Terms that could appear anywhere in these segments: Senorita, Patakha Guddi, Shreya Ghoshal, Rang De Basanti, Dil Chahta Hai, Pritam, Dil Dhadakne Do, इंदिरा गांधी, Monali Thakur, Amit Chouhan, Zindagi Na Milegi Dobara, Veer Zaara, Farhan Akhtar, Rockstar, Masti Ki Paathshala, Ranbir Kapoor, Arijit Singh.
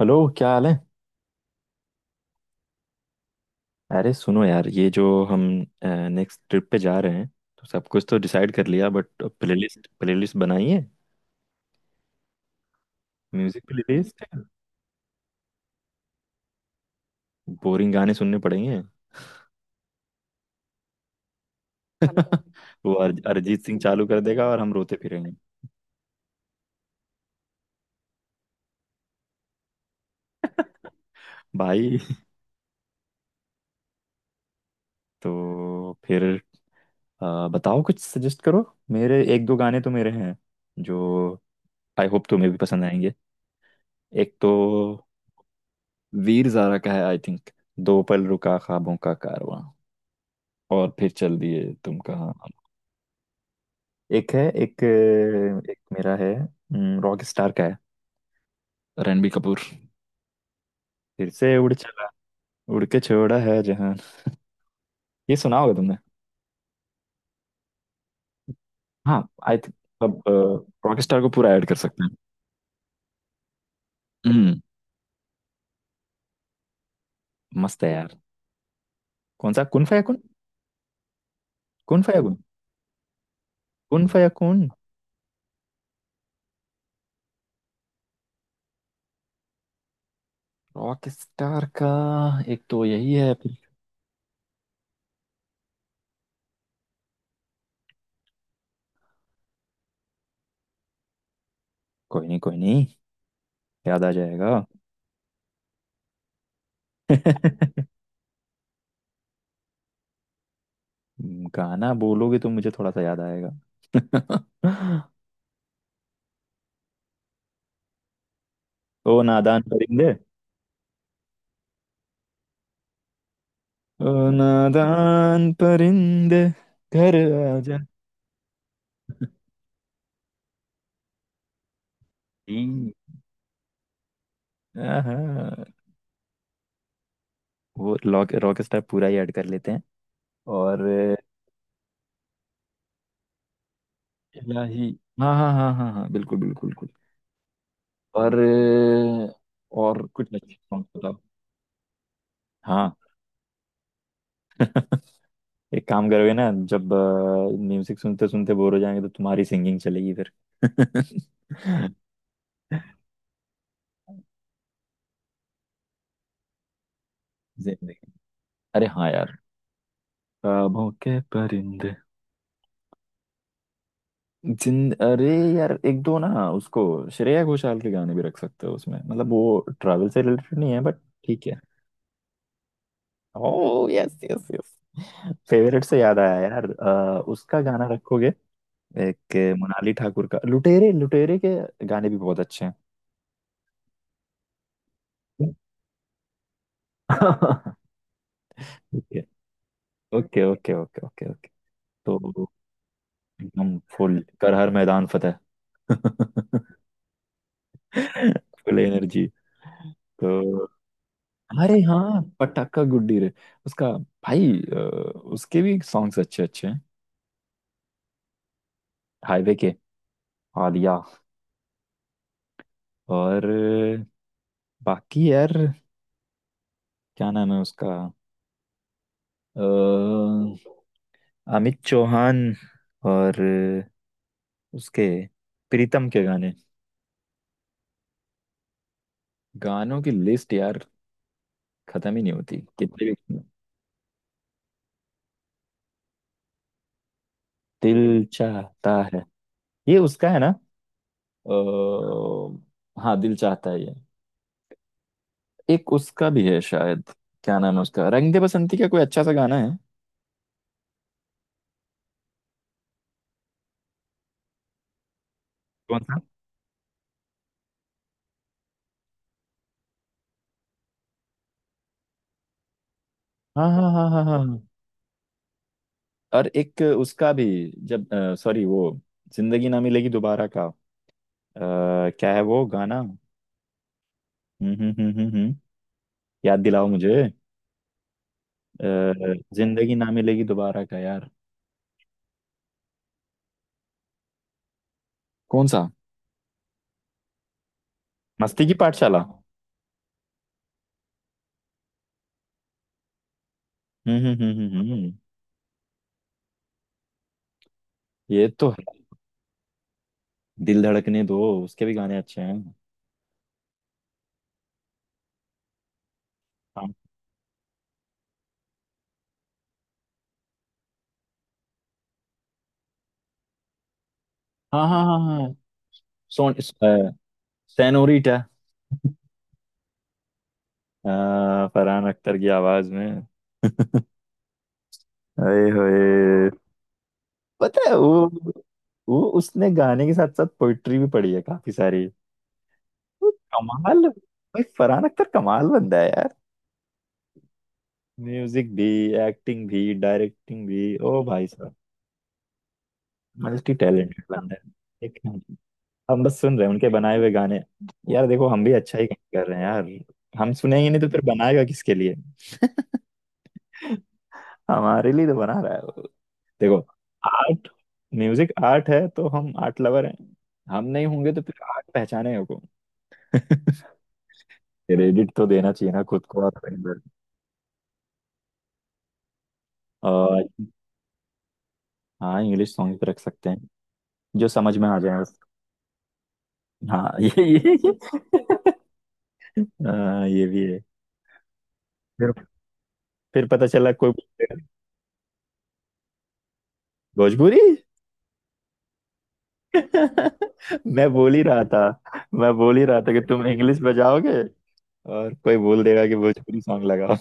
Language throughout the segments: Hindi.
हेलो क्या हाल है। अरे सुनो यार, ये जो हम नेक्स्ट ट्रिप पे जा रहे हैं, तो सब कुछ तो डिसाइड कर लिया, बट प्लेलिस्ट प्लेलिस्ट बनाई है? Music playlist. बोरिंग गाने सुनने पड़ेंगे। वो अरिजीत सिंह चालू कर देगा और हम रोते फिरेंगे भाई। तो फिर बताओ, कुछ सजेस्ट करो। मेरे एक दो गाने तो मेरे हैं जो आई होप तुम्हें भी पसंद आएंगे। एक तो वीर ज़ारा का है आई थिंक। दो पल रुका ख्वाबों का कारवां और फिर चल दिए तुम कहाँ। एक है, एक एक मेरा है। रॉक स्टार का है, रणबीर कपूर। फिर से उड़ चला, उड़ के छोड़ा है जहान। ये सुना होगा तुमने। हाँ आई थिंक अब रॉक स्टार को पूरा ऐड कर सकते हैं। हम्म। मस्त है यार। कौन सा? कुन फयाकुन। कुन फयाकुन। कुन फयाकुन। रॉक स्टार का एक तो यही है फिर। कोई नहीं कोई नहीं, याद आ जाएगा। गाना बोलोगे तो मुझे थोड़ा सा याद आएगा। ओ नादान परिंदे। ओ नादान परिंदे, घर आ जा। तीन। हाँ हाँ। वो रॉक रॉक स्टार पूरा ही ऐड कर लेते हैं। और इलाही। हाँ हाँ हाँ हाँ हाँ, बिल्कुल बिल्कुल बिल्कुल। और और कुछ अच्छे सॉन्ग बताओ। हाँ, एक काम करोगे ना? जब म्यूजिक सुनते सुनते बोर हो जाएंगे तो तुम्हारी सिंगिंग चलेगी फिर। जिंदगी, अरे हाँ यार, ख्वाबों के परिंदे। जिन अरे यार, एक दो ना उसको, श्रेया घोषाल के गाने भी रख सकते हो उसमें। मतलब वो ट्रैवल से रिलेटेड नहीं है बट ठीक है। Oh yes yes. फेवरेट से याद आया यार, उसका गाना रखोगे? एक मोनाली ठाकुर का, लुटेरे, लुटेरे के गाने भी बहुत अच्छे हैं। Okay okay okay okay okay okay. तो एकदम फुल कर, हर मैदान फतेह। Full energy. तो अरे हाँ, पटाखा गुड्डी रे, उसका। भाई अ, उसके भी सॉन्ग्स अच्छे अच्छे हैं, हाईवे के, आलिया। और बाकी यार, क्या नाम है उसका, अ, अमित चौहान। और उसके, प्रीतम के गाने, गानों की लिस्ट यार खत्म ही नहीं होती, कितने भी। दिल चाहता है, ये उसका है ना? हाँ दिल चाहता है, ये एक उसका भी है शायद। क्या नाम है उसका, रंग दे बसंती का कोई अच्छा सा गाना है। कौन सा? हाँ हाँ हाँ हाँ हाँ हाँ। और एक उसका भी, जब, सॉरी वो, जिंदगी ना मिलेगी दोबारा का क्या है वो गाना? हम्म हम्म हम्म हम्म। याद दिलाओ मुझे। अ, जिंदगी ना मिलेगी दोबारा का यार। कौन सा, मस्ती की पाठशाला? हम्म हम्म हम्म हम्म हम्म। ये तो है। दिल धड़कने दो उसके भी गाने अच्छे हैं। हाँ हाँ हाँ हाँ हाँ। सोन, अ, सेनोरिटा, फरहान अख्तर की आवाज में। अरे होए, पता है वो उसने गाने के साथ साथ पोइट्री भी पढ़ी है काफी सारी। वो कमाल भाई, फरहान अख्तर कमाल बंदा है यार। म्यूजिक भी, एक्टिंग भी, डायरेक्टिंग भी, ओ भाई। मल्टी टैलेंटेड बंदा है, ठीक है। हम बस सुन रहे हैं उनके बनाए हुए गाने। यार देखो, हम भी अच्छा ही काम कर रहे हैं यार। हम सुनेंगे नहीं तो फिर बनाएगा किसके लिए? हमारे लिए तो बना रहा है वो। देखो, आर्ट, म्यूजिक आर्ट है तो हम आर्ट लवर हैं। हम नहीं होंगे तो फिर आर्ट पहचानेगा को? क्रेडिट तो देना चाहिए ना खुद को और अपने-। और हाँ, इंग्लिश सॉन्ग भी रख सकते हैं, जो समझ में आ जाए बस। हाँ ये ये, हाँ, ये भी है। फिर फिर पता चला कोई भोजपुरी। मैं बोल ही रहा था, मैं बोल ही रहा था कि तुम इंग्लिश बजाओगे और कोई बोल देगा कि भोजपुरी सॉन्ग लगाओ।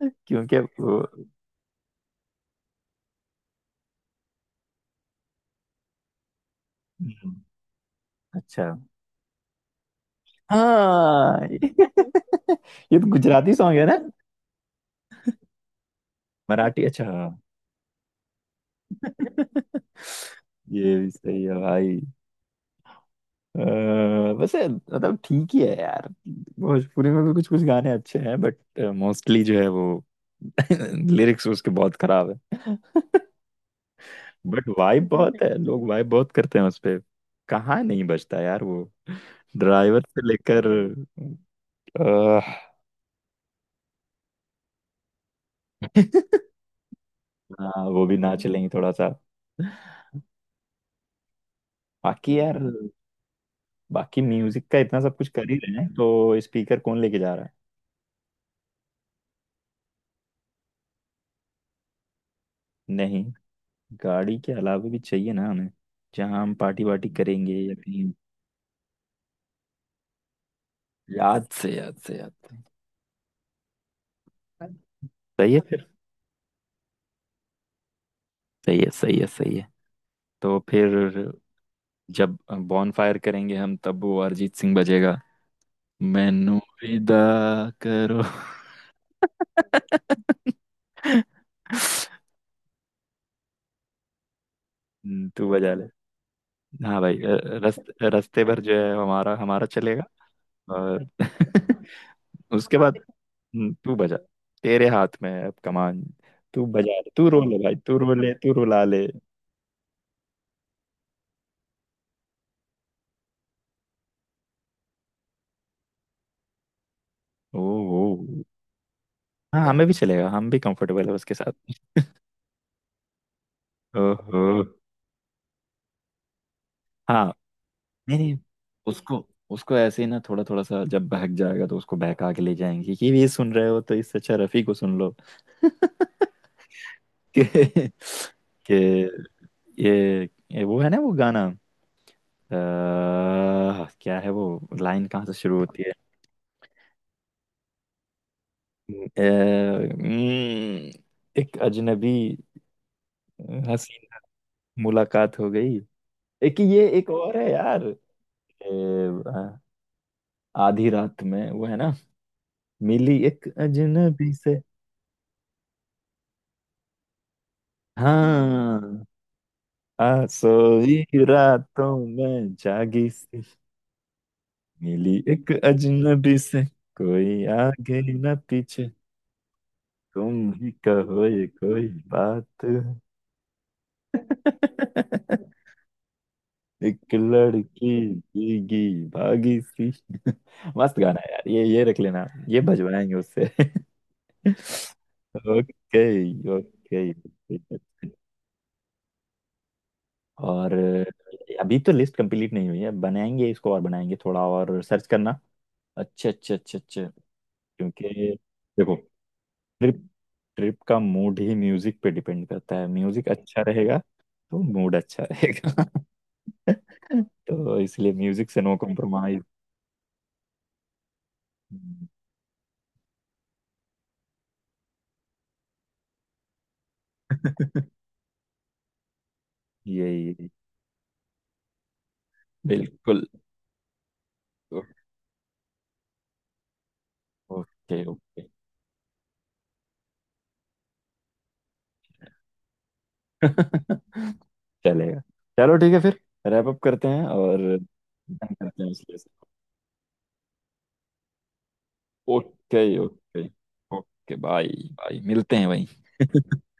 क्योंकि वो, हम्म, अच्छा हाँ। ये तो गुजराती सॉन्ग है ना? मराठी, अच्छा हाँ। ये भी सही है भाई। अ, वैसे मतलब ठीक ही है यार, भोजपुरी में भी कुछ कुछ गाने अच्छे हैं बट मोस्टली जो है वो लिरिक्स उसके बहुत खराब है। बट वाइब बहुत है, लोग वाइब बहुत करते हैं उस पे। कहाँ नहीं बचता यार वो, ड्राइवर से लेकर। अह, हाँ, वो भी नाच लेंगे थोड़ा सा। बाकी यार, बाकी म्यूजिक का इतना सब कुछ कर ही रहे हैं तो स्पीकर कौन लेके जा रहा है? नहीं, गाड़ी के अलावा भी चाहिए ना हमें, जहाँ हम पार्टी वार्टी करेंगे या कहीं। याद से याद से याद से। सही है फिर, सही है सही है सही है। तो फिर जब बॉन फायर करेंगे हम, तब वो अरिजीत सिंह बजेगा। मैनू विदा करो। तू बजा ले। हाँ भाई। रस्ते भर जो है हमारा, हमारा चलेगा और उसके बाद तू बजा, तेरे हाथ में है अब कमान। तू बजा ले, तू रो ले, भाई तू रो ले, तू रुला ले। ओ, ओ। हाँ हमें भी चलेगा, हम भी कंफर्टेबल है उसके साथ। ओहो हाँ। नहीं नहीं, उसको, उसको ऐसे ही ना, थोड़ा थोड़ा सा जब बहक जाएगा तो उसको बहका के ले जाएंगी कि ये सुन रहे हो तो इससे अच्छा रफी को सुन लो। कि, कि ये, ये वो है ना वो गाना, अ, क्या है वो, लाइन कहाँ से शुरू होती है? अ, हम्म, एक अजनबी हसीन मुलाकात हो गई। एक ये, एक और है यार। अ, आधी रात में वो है ना, मिली एक अजनबी से। हाँ, आ सोई रातों में जागी सी, मिली एक अजनबी से, कोई आगे न पीछे, तुम ही कहो ये कोई बात। एक लड़की भीगी भागी सी। मस्त गाना है यार, ये रख लेना, ये भजवाएंगे उससे। Okay okay okay. और अभी तो लिस्ट कंप्लीट नहीं हुई है, बनाएंगे इसको, और बनाएंगे, थोड़ा और सर्च करना। अच्छा अच्छा अच्छा अच्छा, क्योंकि देखो, ट्रिप ट्रिप का मूड ही म्यूजिक पे डिपेंड करता है। म्यूजिक अच्छा रहेगा तो मूड अच्छा रहेगा। तो इसलिए म्यूजिक से नो कॉम्प्रोमाइज। यही यही, बिल्कुल। Okay okay. चलेगा, चलो ठीक है फिर। रैप अप करते हैं और done करते हैं इसलिए। Okay okay. Okay bye bye, मिलते हैं भाई।